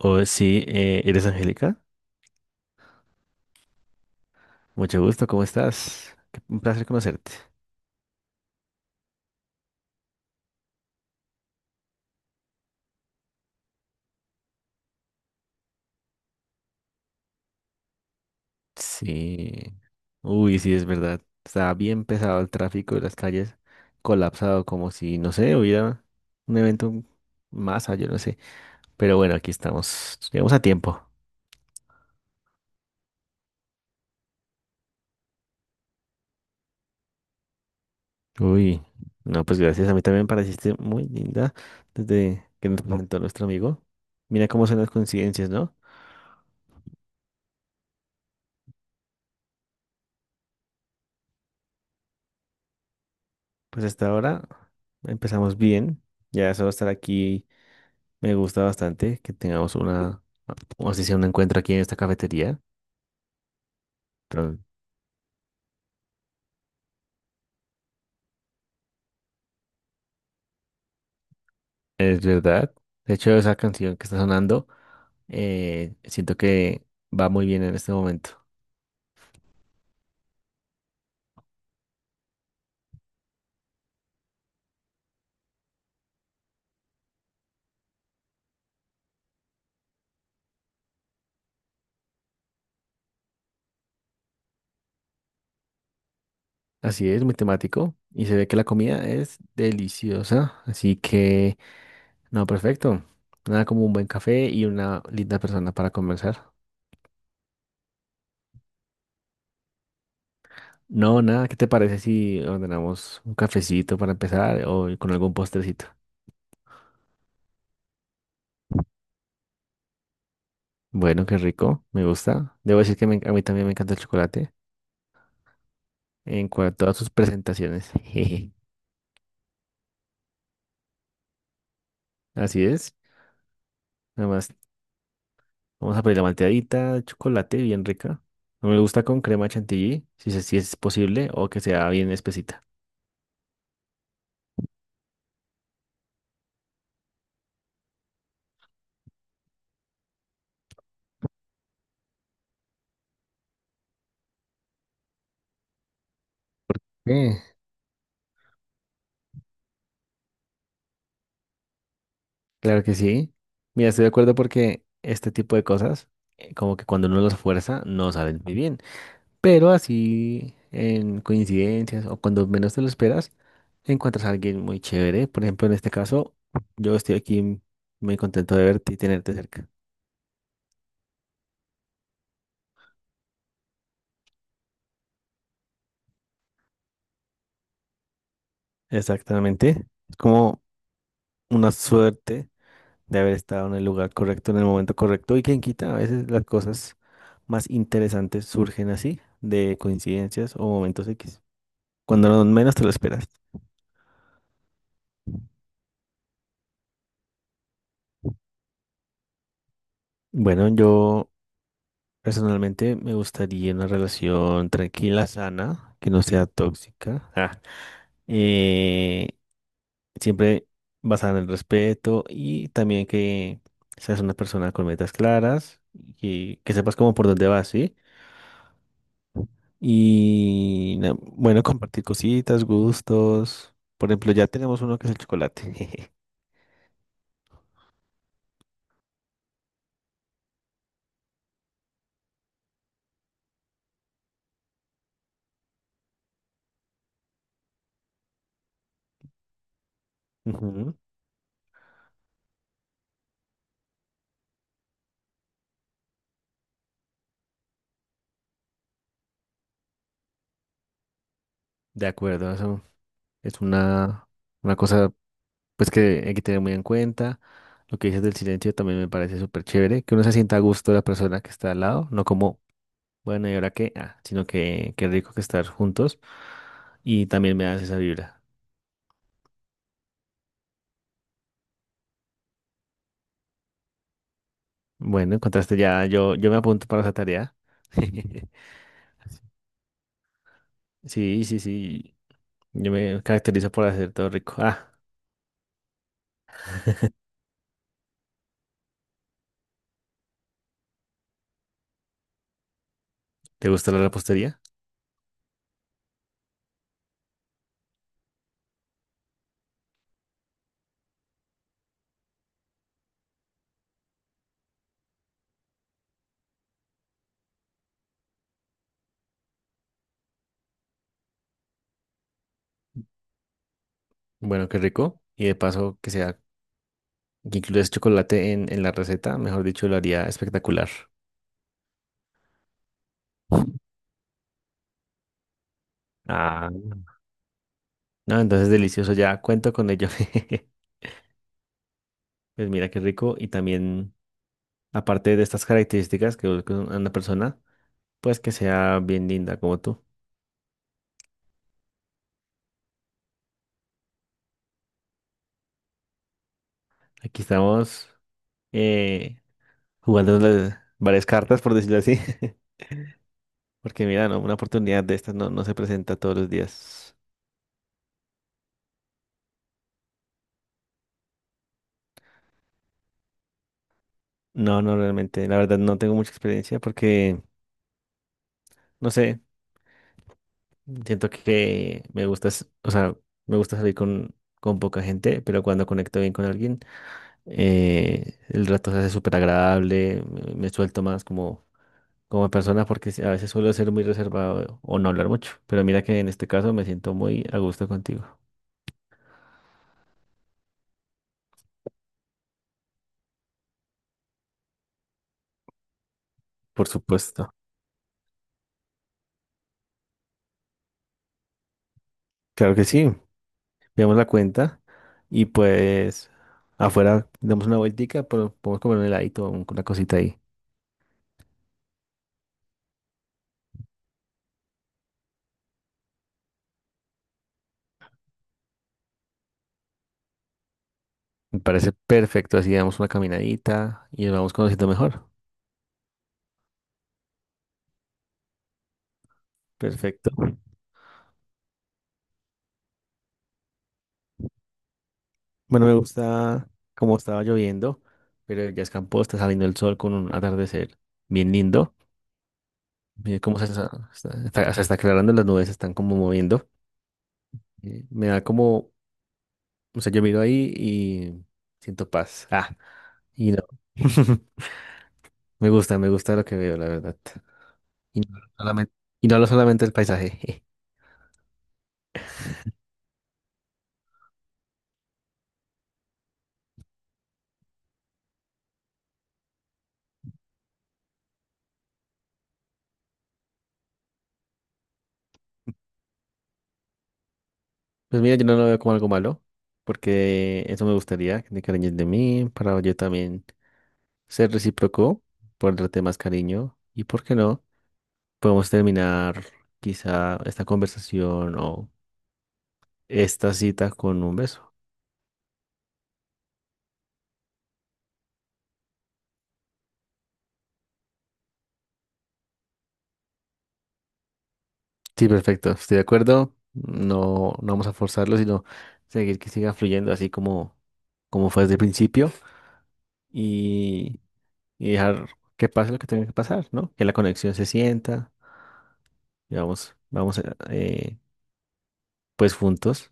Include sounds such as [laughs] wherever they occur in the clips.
Oh, sí, ¿eres Angélica? Mucho gusto, ¿cómo estás? Qué- Un placer conocerte. Sí. Uy, sí, es verdad. Está bien pesado el tráfico de las calles, colapsado como si, no sé, hubiera un evento masa, yo no sé. Pero bueno, aquí estamos. Llegamos a tiempo. Uy, no, pues gracias. A mí también me pareciste muy linda desde que nos presentó nuestro amigo. Mira cómo son las coincidencias, ¿no? Pues hasta ahora empezamos bien. Ya solo estar aquí. Me gusta bastante que tengamos una, o así sea, un encuentro aquí en esta cafetería, pero es verdad. De hecho, esa canción que está sonando, siento que va muy bien en este momento. Así es, muy temático y se ve que la comida es deliciosa, así que, no, perfecto. Nada como un buen café y una linda persona para conversar. No, nada, ¿qué te parece si ordenamos un cafecito para empezar o con algún postrecito? Bueno, qué rico, me gusta. Debo decir que a mí también me encanta el chocolate en cuanto a sus presentaciones. [laughs] Jeje. Así es. Nada más, vamos a pedir la malteadita, de chocolate bien rica. No me gusta con crema chantilly, si, si es posible, o que sea bien espesita. Eh, Claro que sí. Mira, estoy de acuerdo porque este tipo de cosas, como que cuando uno los fuerza, no salen muy bien. Pero así, en coincidencias o cuando menos te lo esperas, encuentras a alguien muy chévere. Por ejemplo, en este caso, yo estoy aquí muy contento de verte y tenerte cerca. Exactamente. Es como una suerte de haber estado en el lugar correcto, en el momento correcto. Y quien quita, a veces las cosas más interesantes surgen así, de coincidencias o momentos X, cuando menos te lo esperas. Bueno, yo personalmente me gustaría una relación tranquila, sana, que no sea tóxica. Ah. Eh, siempre basada en el respeto y también que seas una persona con metas claras y que sepas cómo por dónde vas, ¿sí? Y bueno, [laughs] compartir cositas, gustos. Por ejemplo, ya tenemos uno que es el chocolate. [laughs] Ujú. De acuerdo, eso es una cosa pues que hay que tener muy en cuenta. Lo que dices del silencio también me parece súper chévere, que uno se sienta a gusto de la persona que está al lado, no como, bueno, ¿y ahora qué? Ah, sino que qué rico que estar juntos. Y también me das esa vibra. Bueno, encontraste ya, yo me apunto para esa tarea. [laughs] Sí, sí, sí. Yo me caracterizo por hacer todo rico. Ah, ¿te gusta la repostería? Bueno, qué rico. Y de paso que sea, que incluyas chocolate en la receta, mejor dicho, lo haría espectacular. Ah. No, entonces delicioso, ya cuento con ello. [laughs] Pues mira qué rico. Y también, aparte de estas características que busca una persona, pues que sea bien linda como tú. Aquí estamos eh, jugando varias cartas, por decirlo así. [laughs] Porque mira, no, una oportunidad de estas no, no se presenta todos los días. No, no, realmente. La verdad no tengo mucha experiencia porque, no sé, siento que me gusta, o sea, me gusta salir con poca gente, pero cuando conecto bien con alguien, el rato se hace súper agradable, me suelto más como... como persona porque sí, a veces suelo ser muy reservado o no hablar mucho, pero mira que en este caso me siento muy a gusto contigo. Por supuesto. Claro que sí. Veamos la cuenta y pues afuera damos una vueltica, pero podemos comer un heladito, una cosita ahí. Me parece perfecto, así damos una caminadita y nos vamos conociendo mejor. Perfecto. Bueno, me gusta cómo estaba lloviendo, pero ya escampó, está saliendo el sol con un atardecer bien lindo. Mira cómo se se está aclarando, las nubes se están como moviendo. Me da como, o sea, yo miro ahí y siento paz. Ah, y no. [laughs] Me gusta lo que veo, la verdad. Y no solamente, y no lo solamente el paisaje. [laughs] Pues mira, yo no lo veo como algo malo, porque eso me gustaría, que te cariñes de mí, para yo también ser recíproco, por darte más cariño. Y por qué no, podemos terminar quizá esta conversación o esta cita con un beso. Sí, perfecto, estoy de acuerdo. No, no vamos a forzarlo, sino seguir que siga fluyendo así como, como fue desde el principio y, y dejar que pase lo que tenga que pasar, ¿no? Que la conexión se sienta y vamos eh, pues juntos.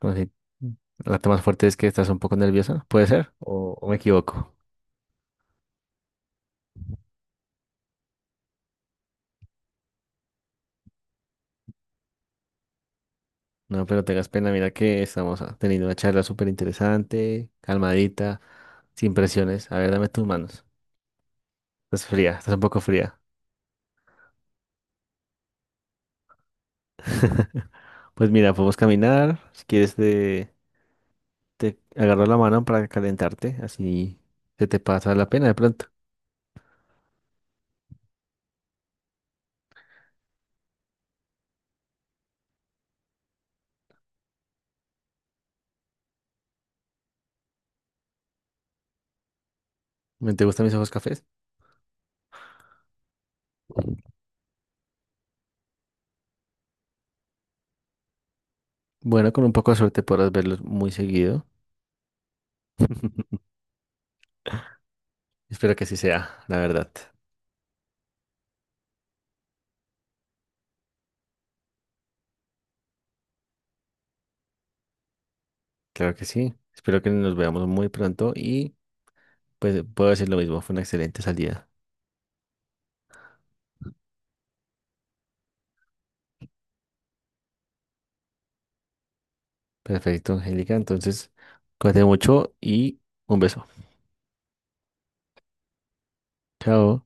Como si- la parte más fuerte es que estás un poco nerviosa, ¿puede ser? O me equivoco? No, pero tengas pena, mira que estamos ah, teniendo una charla súper interesante, calmadita, sin presiones. A ver, dame tus manos. Estás fría, estás un poco fría. [laughs] Pues mira, podemos caminar. Si quieres, te agarro la mano para calentarte. Así se te pasa la pena de pronto. ¿Me te gustan mis ojos cafés? Bueno, con un poco de suerte podrás verlos muy seguido. [laughs] Espero que así sea, la verdad. Claro que sí. Espero que nos veamos muy pronto y pues puedo decir lo mismo. Fue una excelente salida. Perfecto, Angélica. Entonces, cuídate mucho y un beso. Chao.